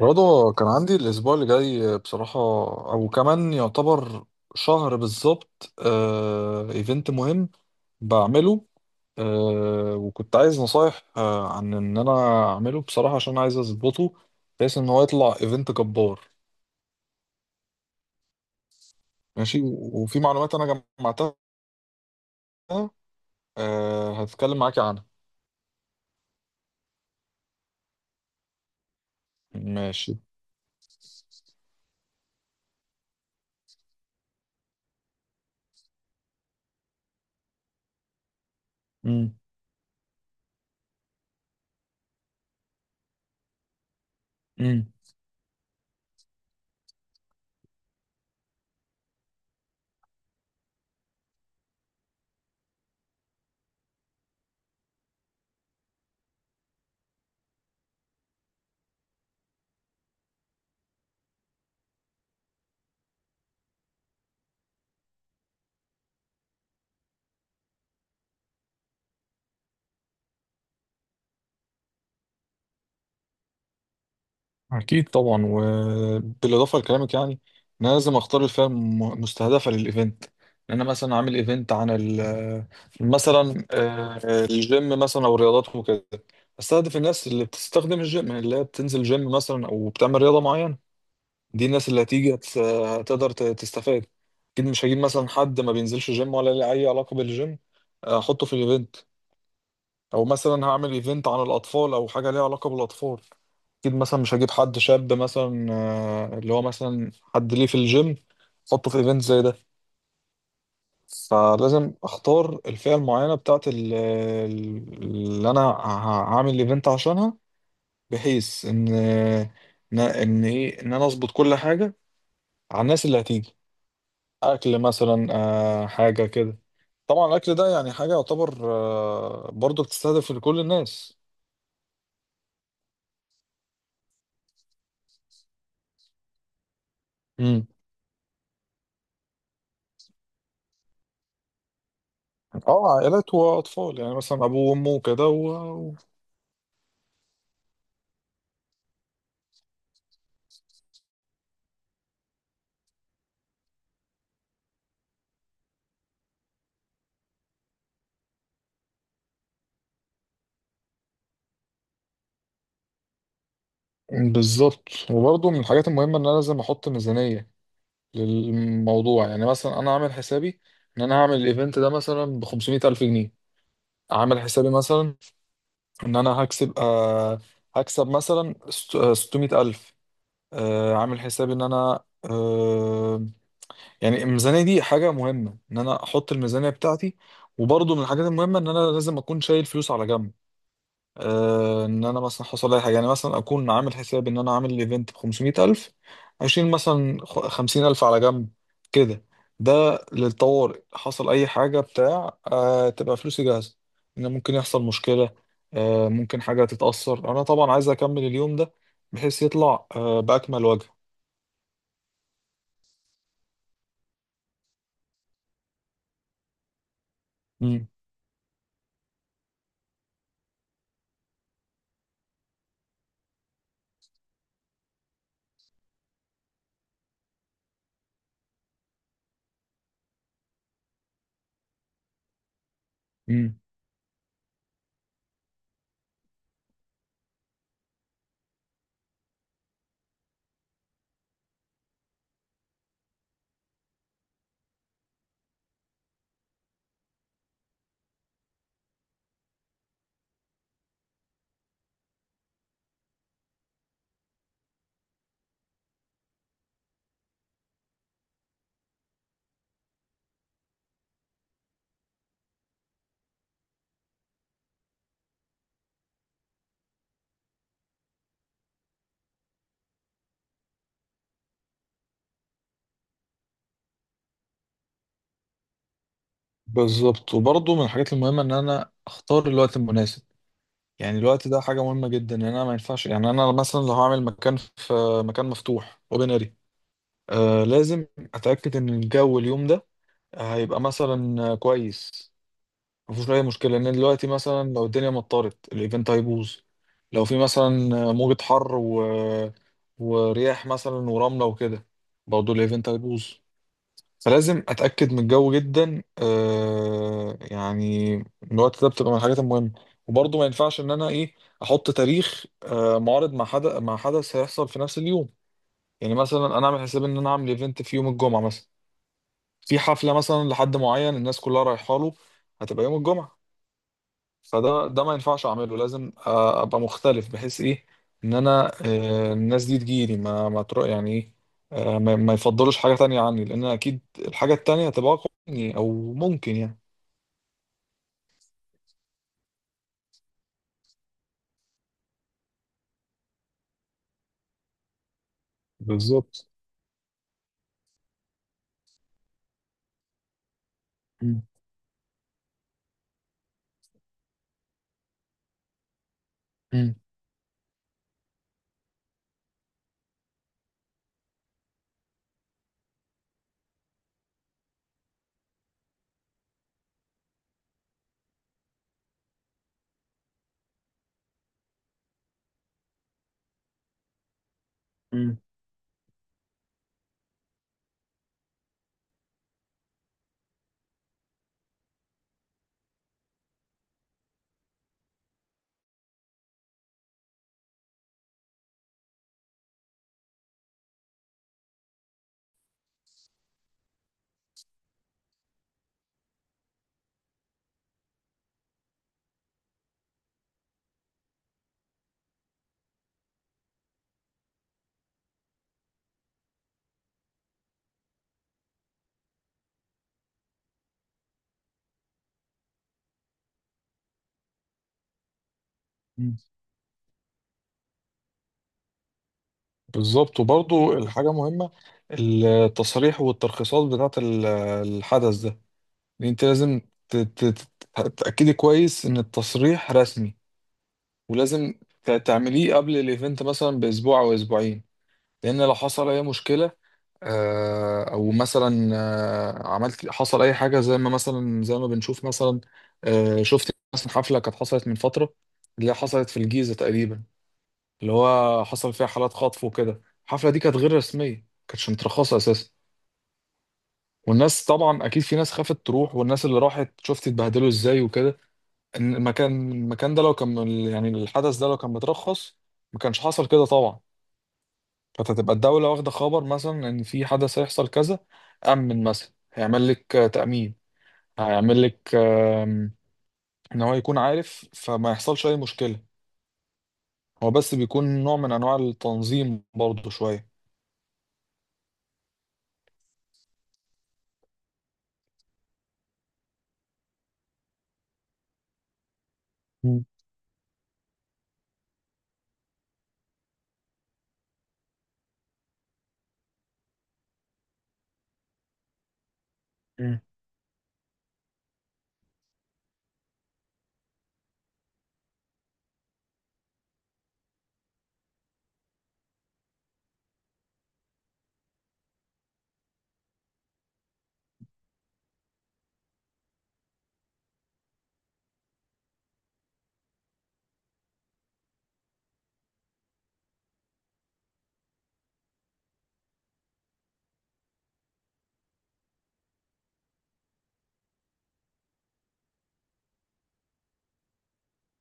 رضا كان عندي الأسبوع اللي جاي بصراحة، أو كمان يعتبر شهر بالظبط. إيفنت مهم بعمله. وكنت عايز نصايح عن إن أنا أعمله بصراحة عشان عايز أظبطه بحيث إن هو يطلع إيفنت جبار. ماشي، وفي معلومات أنا جمعتها، هتكلم معاكي عنها. ماشي. مم. مم. أكيد طبعا، وبالإضافة لكلامك يعني أنا لازم أختار الفئة مستهدفة للإيفنت، لأن أنا مثلا عامل إيفنت عن ال مثلا، الجيم مثلا أو الرياضات وكده. أستهدف الناس اللي بتستخدم الجيم، يعني اللي هي بتنزل جيم مثلا أو بتعمل رياضة معينة. دي الناس اللي هتيجي هتقدر تستفاد. أكيد مش هجيب مثلا حد ما بينزلش جيم ولا ليه أي علاقة بالجيم، أحطه في الإيفنت. أو مثلا هعمل إيفنت عن الأطفال أو حاجة ليها علاقة بالأطفال. اكيد مثلا مش هجيب حد شاب مثلا، اللي هو مثلا حد ليه في الجيم، احطه في ايفنت زي ده. فلازم اختار الفئة المعينة بتاعت اللي انا هعمل الايفنت عشانها، بحيث ان ايه، ان انا اظبط كل حاجة على الناس اللي هتيجي. اكل مثلا، حاجة كده. طبعا الاكل ده يعني حاجة، يعتبر برضه بتستهدف لكل الناس. امم. اه، عائلات واطفال، يعني مثلا ابوه وامه وكده. بالظبط، وبرضه من الحاجات المهمة إن أنا لازم أحط ميزانية للموضوع. يعني مثلا أنا عامل حسابي إن أنا هعمل الإيفنت ده مثلا بخمسمية ألف جنيه. عامل حسابي مثلا إن أنا هكسب، هكسب مثلا ستمية ألف. عامل حسابي إن أنا، يعني الميزانية دي حاجة مهمة، إن أنا أحط الميزانية بتاعتي. وبرضه من الحاجات المهمة إن أنا لازم أكون شايل فلوس على جنب، ان انا مثلا حصل لي حاجه، يعني مثلا اكون عامل حساب ان انا عامل ايفنت ب 500000، اشيل مثلا 50000 على جنب كده. ده للطوارئ، حصل اي حاجه بتاع، تبقى فلوسي جاهزه، ان ممكن يحصل مشكله. ممكن حاجه تتاثر، انا طبعا عايز اكمل اليوم ده بحيث يطلع باكمل وجه. امم بالظبط، وبرضه من الحاجات المهمه ان انا اختار الوقت المناسب. يعني الوقت ده حاجة مهمة جدا، يعني انا ما ينفعش، يعني انا مثلا لو هعمل مكان في مكان مفتوح اوبن اري، لازم اتأكد ان الجو اليوم ده هيبقى مثلا كويس، مفيش اي مشكلة. ان دلوقتي مثلا لو الدنيا مطرت، الايفنت هيبوظ. لو في مثلا موجة حر ورياح مثلا ورملة وكده، برضه الايفنت هيبوظ. فلازم اتاكد من الجو جدا، يعني من الوقت ده، بتبقى من الحاجات المهمه. وبرضه ما ينفعش ان انا ايه، احط تاريخ، معارض، مع حدث، مع حدث هيحصل في نفس اليوم. يعني مثلا انا اعمل حساب ان انا اعمل ايفنت في يوم الجمعه مثلا، في حفله مثلا لحد معين، الناس كلها رايحه له، هتبقى يوم الجمعه. فده ما ينفعش اعمله، لازم ابقى مختلف، بحيث ايه، ان انا، الناس دي تجيلي ما تروح، يعني ايه، ما يفضلوش حاجة تانية عني، لان اكيد الحاجة التانية هتبقى اقوى مني او ممكن يعني. بالظبط. مم. مم. مم. مم. بالظبط، وبرضو الحاجة مهمة، التصاريح والترخيصات بتاعة الحدث ده. يعني انت لازم ت- ت- ت- تتأكدي كويس ان التصريح رسمي، ولازم تعمليه قبل الايفنت مثلا باسبوع او اسبوعين، لان لو حصل اي مشكله، او مثلا عملت، حصل اي حاجه زي ما مثلا زي ما بنشوف مثلا. شفت مثلا حفله كانت حصلت من فتره، اللي هي حصلت في الجيزه تقريبا، اللي هو حصل فيها حالات خطف وكده. الحفله دي كانت غير رسميه، ما كانتش مترخصه اساسا. والناس طبعا اكيد في ناس خافت تروح، والناس اللي راحت شفت اتبهدلوا ازاي وكده. إن المكان ده لو كان، يعني الحدث ده لو كان مترخص، ما كانش حصل كده طبعا. فتبقى الدولة واخدة خبر مثلا، إن في حدث هيحصل كذا. أمن مثلا هيعمل لك تأمين، هيعمل لك إن هو يكون عارف، فما يحصلش أي مشكلة. هو بس بيكون نوع من أنواع التنظيم برضه شوية. مم. مم.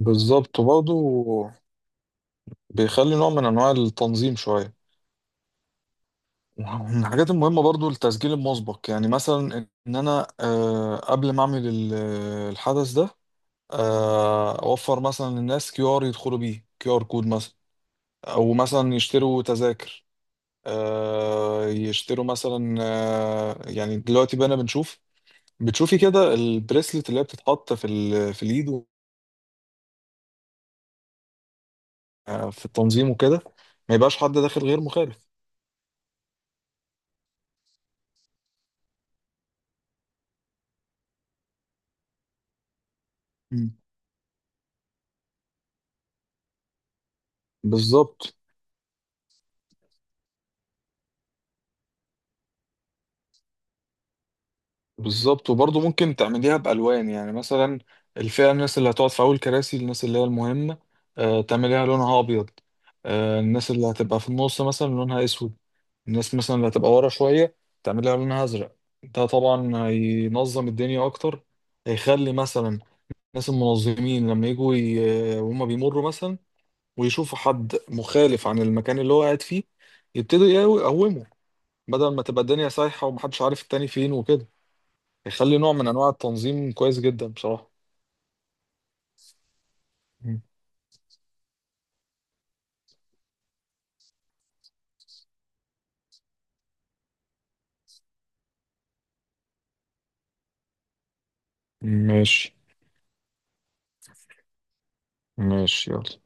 بالظبط، برضه بيخلي نوع من أنواع التنظيم شوية. من الحاجات المهمة برضه التسجيل المسبق، يعني مثلا إن أنا، قبل ما أعمل الحدث ده، أوفر مثلا للناس كيو آر يدخلوا بيه، كيو آر كود مثلا، او مثلا يشتروا تذاكر. يشتروا مثلا، يعني دلوقتي بقى بنشوف، بتشوفي كده البريسلت اللي هي بتتحط في في اليد في التنظيم وكده، ما يبقاش حد داخل غير مخالف. مم. بالظبط بالظبط. وبرضه ممكن تعمليها بألوان، يعني مثلا الفئة، الناس اللي هتقعد في أول كراسي، الناس اللي هي المهمة، تعمليها لونها أبيض. الناس اللي هتبقى في النص مثلا لونها أسود. الناس مثلا اللي هتبقى ورا شوية تعمليها لونها أزرق. ده طبعا هينظم الدنيا أكتر، هيخلي مثلا ناس المنظمين لما يجوا وهم بيمروا مثلا، ويشوفوا حد مخالف عن المكان اللي هو قاعد فيه، يبتدوا يقوموا، بدل ما تبقى الدنيا سايحة، ومحدش عارف التاني فين وكده، يخلي نوع من انواع التنظيم كويس جدا بصراحة. مم. ماشي. ماشي يلا.